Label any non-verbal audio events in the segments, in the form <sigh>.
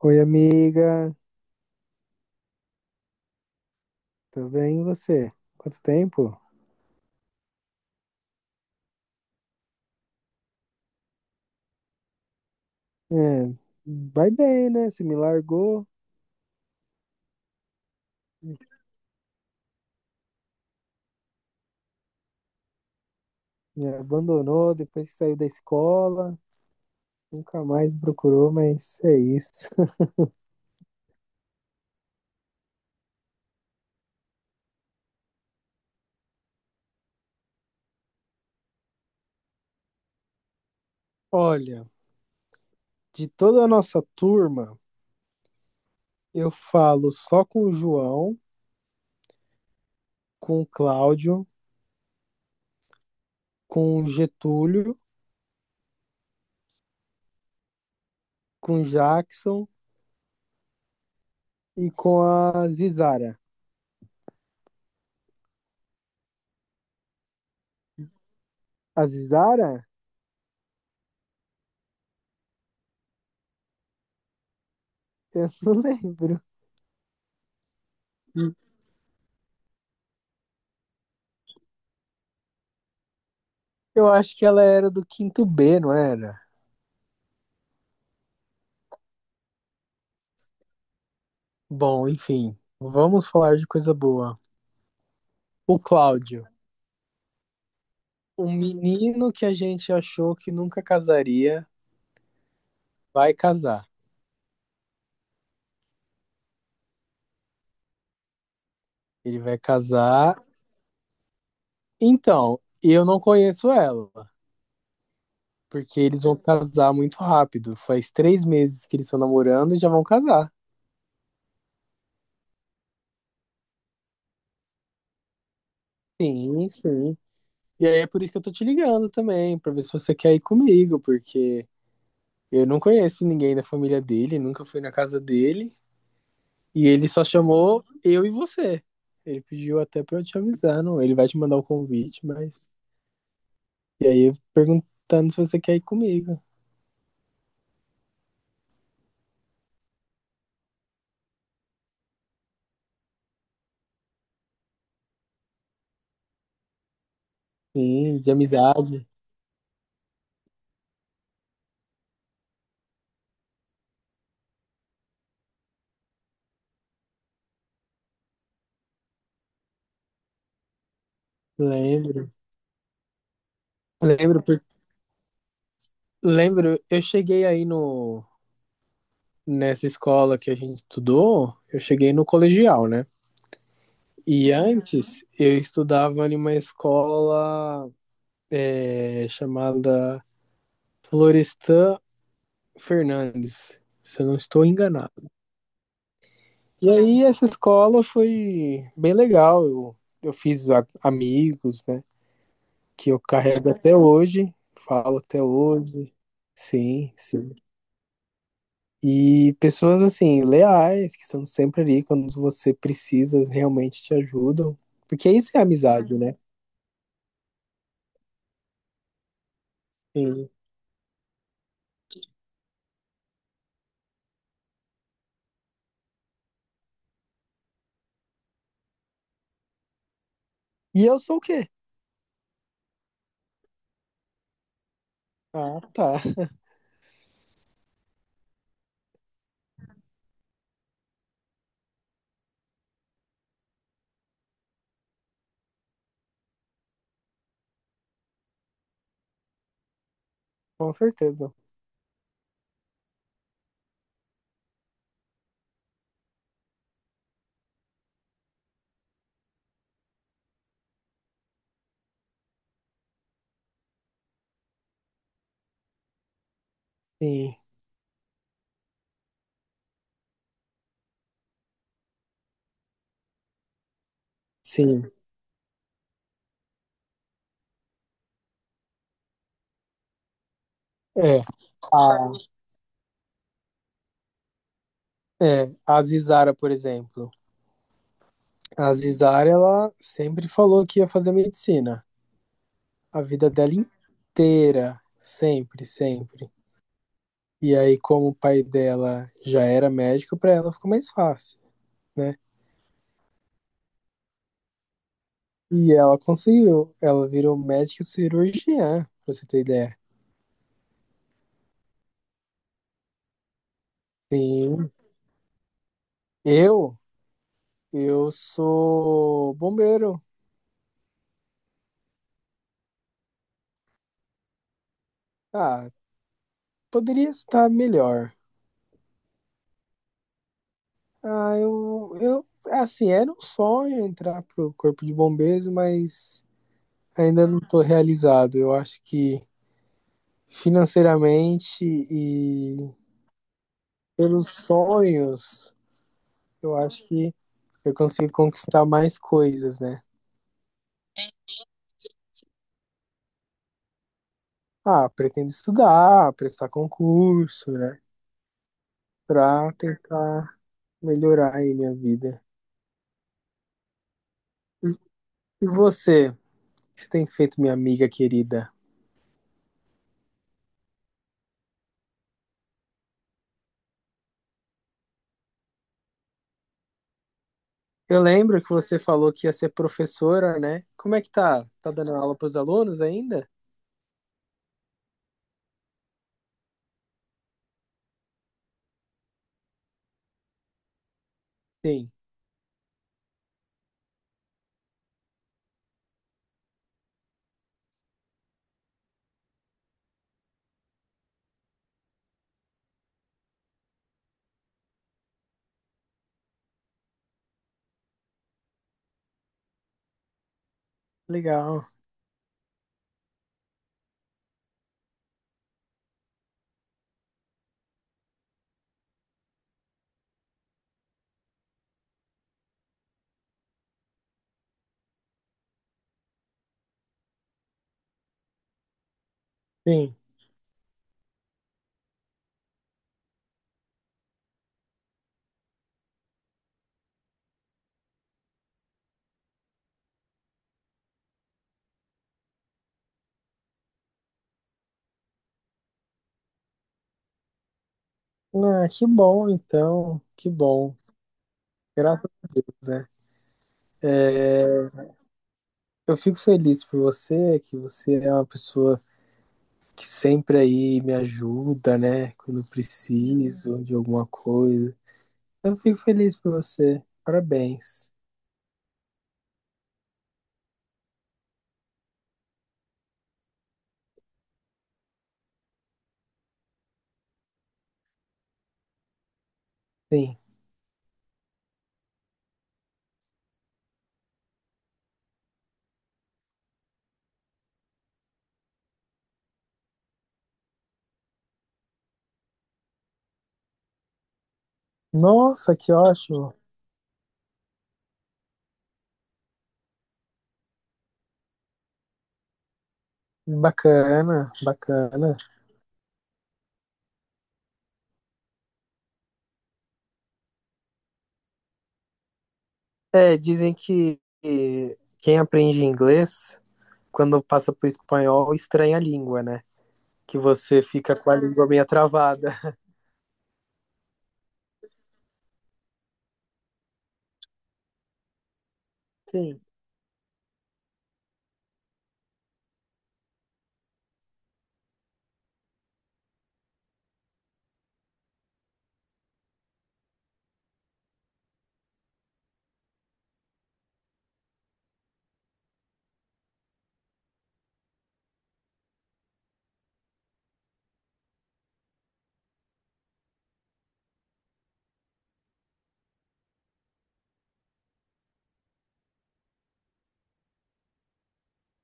Oi, amiga, tudo bem e você? Quanto tempo? É, vai bem, né? Você me largou, me abandonou depois que saiu da escola, nunca mais me procurou, mas é isso. <laughs> Olha, de toda a nossa turma, eu falo só com o João, com o Cláudio, com o Getúlio, com o Jackson e com a Zizara. A Zizara? Eu <laughs> não lembro. Eu acho que ela era do quinto B, não era? Bom, enfim, vamos falar de coisa boa. O Cláudio, um menino que a gente achou que nunca casaria, vai casar. Ele vai casar. Então, eu não conheço ela, porque eles vão casar muito rápido. Faz 3 meses que eles estão namorando e já vão casar. Sim, sim. E aí é por isso que eu tô te ligando também, pra ver se você quer ir comigo, porque eu não conheço ninguém da família dele, nunca fui na casa dele. E ele só chamou eu e você. Ele pediu até pra eu te avisar, não? Ele vai te mandar o convite, mas. E aí, eu perguntando se você quer ir comigo. Sim, de amizade. Lembro. Lembro, eu cheguei aí no... nessa escola que a gente estudou, eu cheguei no colegial, né? E antes, eu estudava em uma escola chamada Florestan Fernandes, se eu não estou enganado. E aí essa escola foi bem legal. Eu fiz amigos, né? Que eu carrego até hoje, falo até hoje. Sim, sim. E pessoas assim, leais, que são sempre ali quando você precisa, realmente te ajudam. Porque isso é amizade, né? Sim. E eu sou o quê? Ah, tá. Com certeza. Sim, sim. É. A, é, a Zizara, por exemplo. A Zizara, ela sempre falou que ia fazer medicina. A vida dela inteira, sempre, sempre. E aí, como o pai dela já era médico, para ela ficou mais fácil, né? E ela conseguiu, ela virou médica cirurgiã, pra você ter ideia. Sim, eu, eu sou bombeiro. Ah, poderia estar melhor. Ah, assim, era um sonho entrar pro corpo de bombeiros, mas ainda não tô realizado. Eu acho que financeiramente e pelos sonhos, eu acho que eu consigo conquistar mais coisas, né? Ah, pretendo estudar, prestar concurso, né? Pra tentar melhorar aí minha vida. E você, o que você tem feito, minha amiga querida? Eu lembro que você falou que ia ser professora, né? Como é que tá? Tá dando aula pros alunos ainda? Sim, legal. Sim. Ah, que bom, então. Que bom. Graças a Deus, né? Eu fico feliz por você, que você é uma pessoa que sempre aí me ajuda, né? Quando eu preciso de alguma coisa. Eu fico feliz por você. Parabéns. Sim. Nossa, que ótimo. Bacana, bacana. É, dizem que quem aprende inglês, quando passa pro espanhol, estranha a língua, né? Que você fica com a língua meio travada. Sim.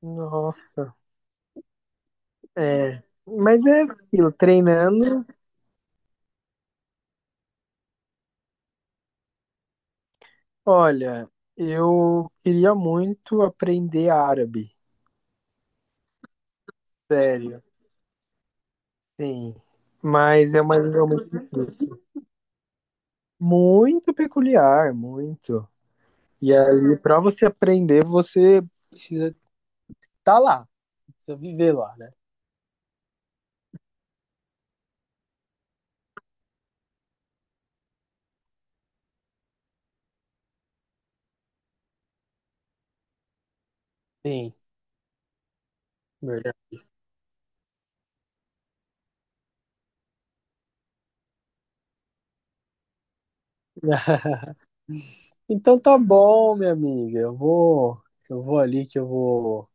Nossa. É. Mas é aquilo, treinando. Olha, eu queria muito aprender árabe. Sério, sim. Mas é uma língua muito difícil. Muito peculiar, muito. E ali, para você aprender, você precisa estar lá. Precisa viver lá, né? Sim, verdade. <laughs> Então tá bom, minha amiga. Eu vou ali que eu vou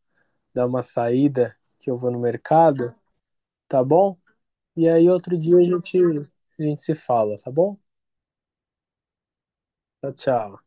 dar uma saída, que eu vou no mercado, tá bom? E aí outro dia a gente se fala, tá bom? Tchau, tchau.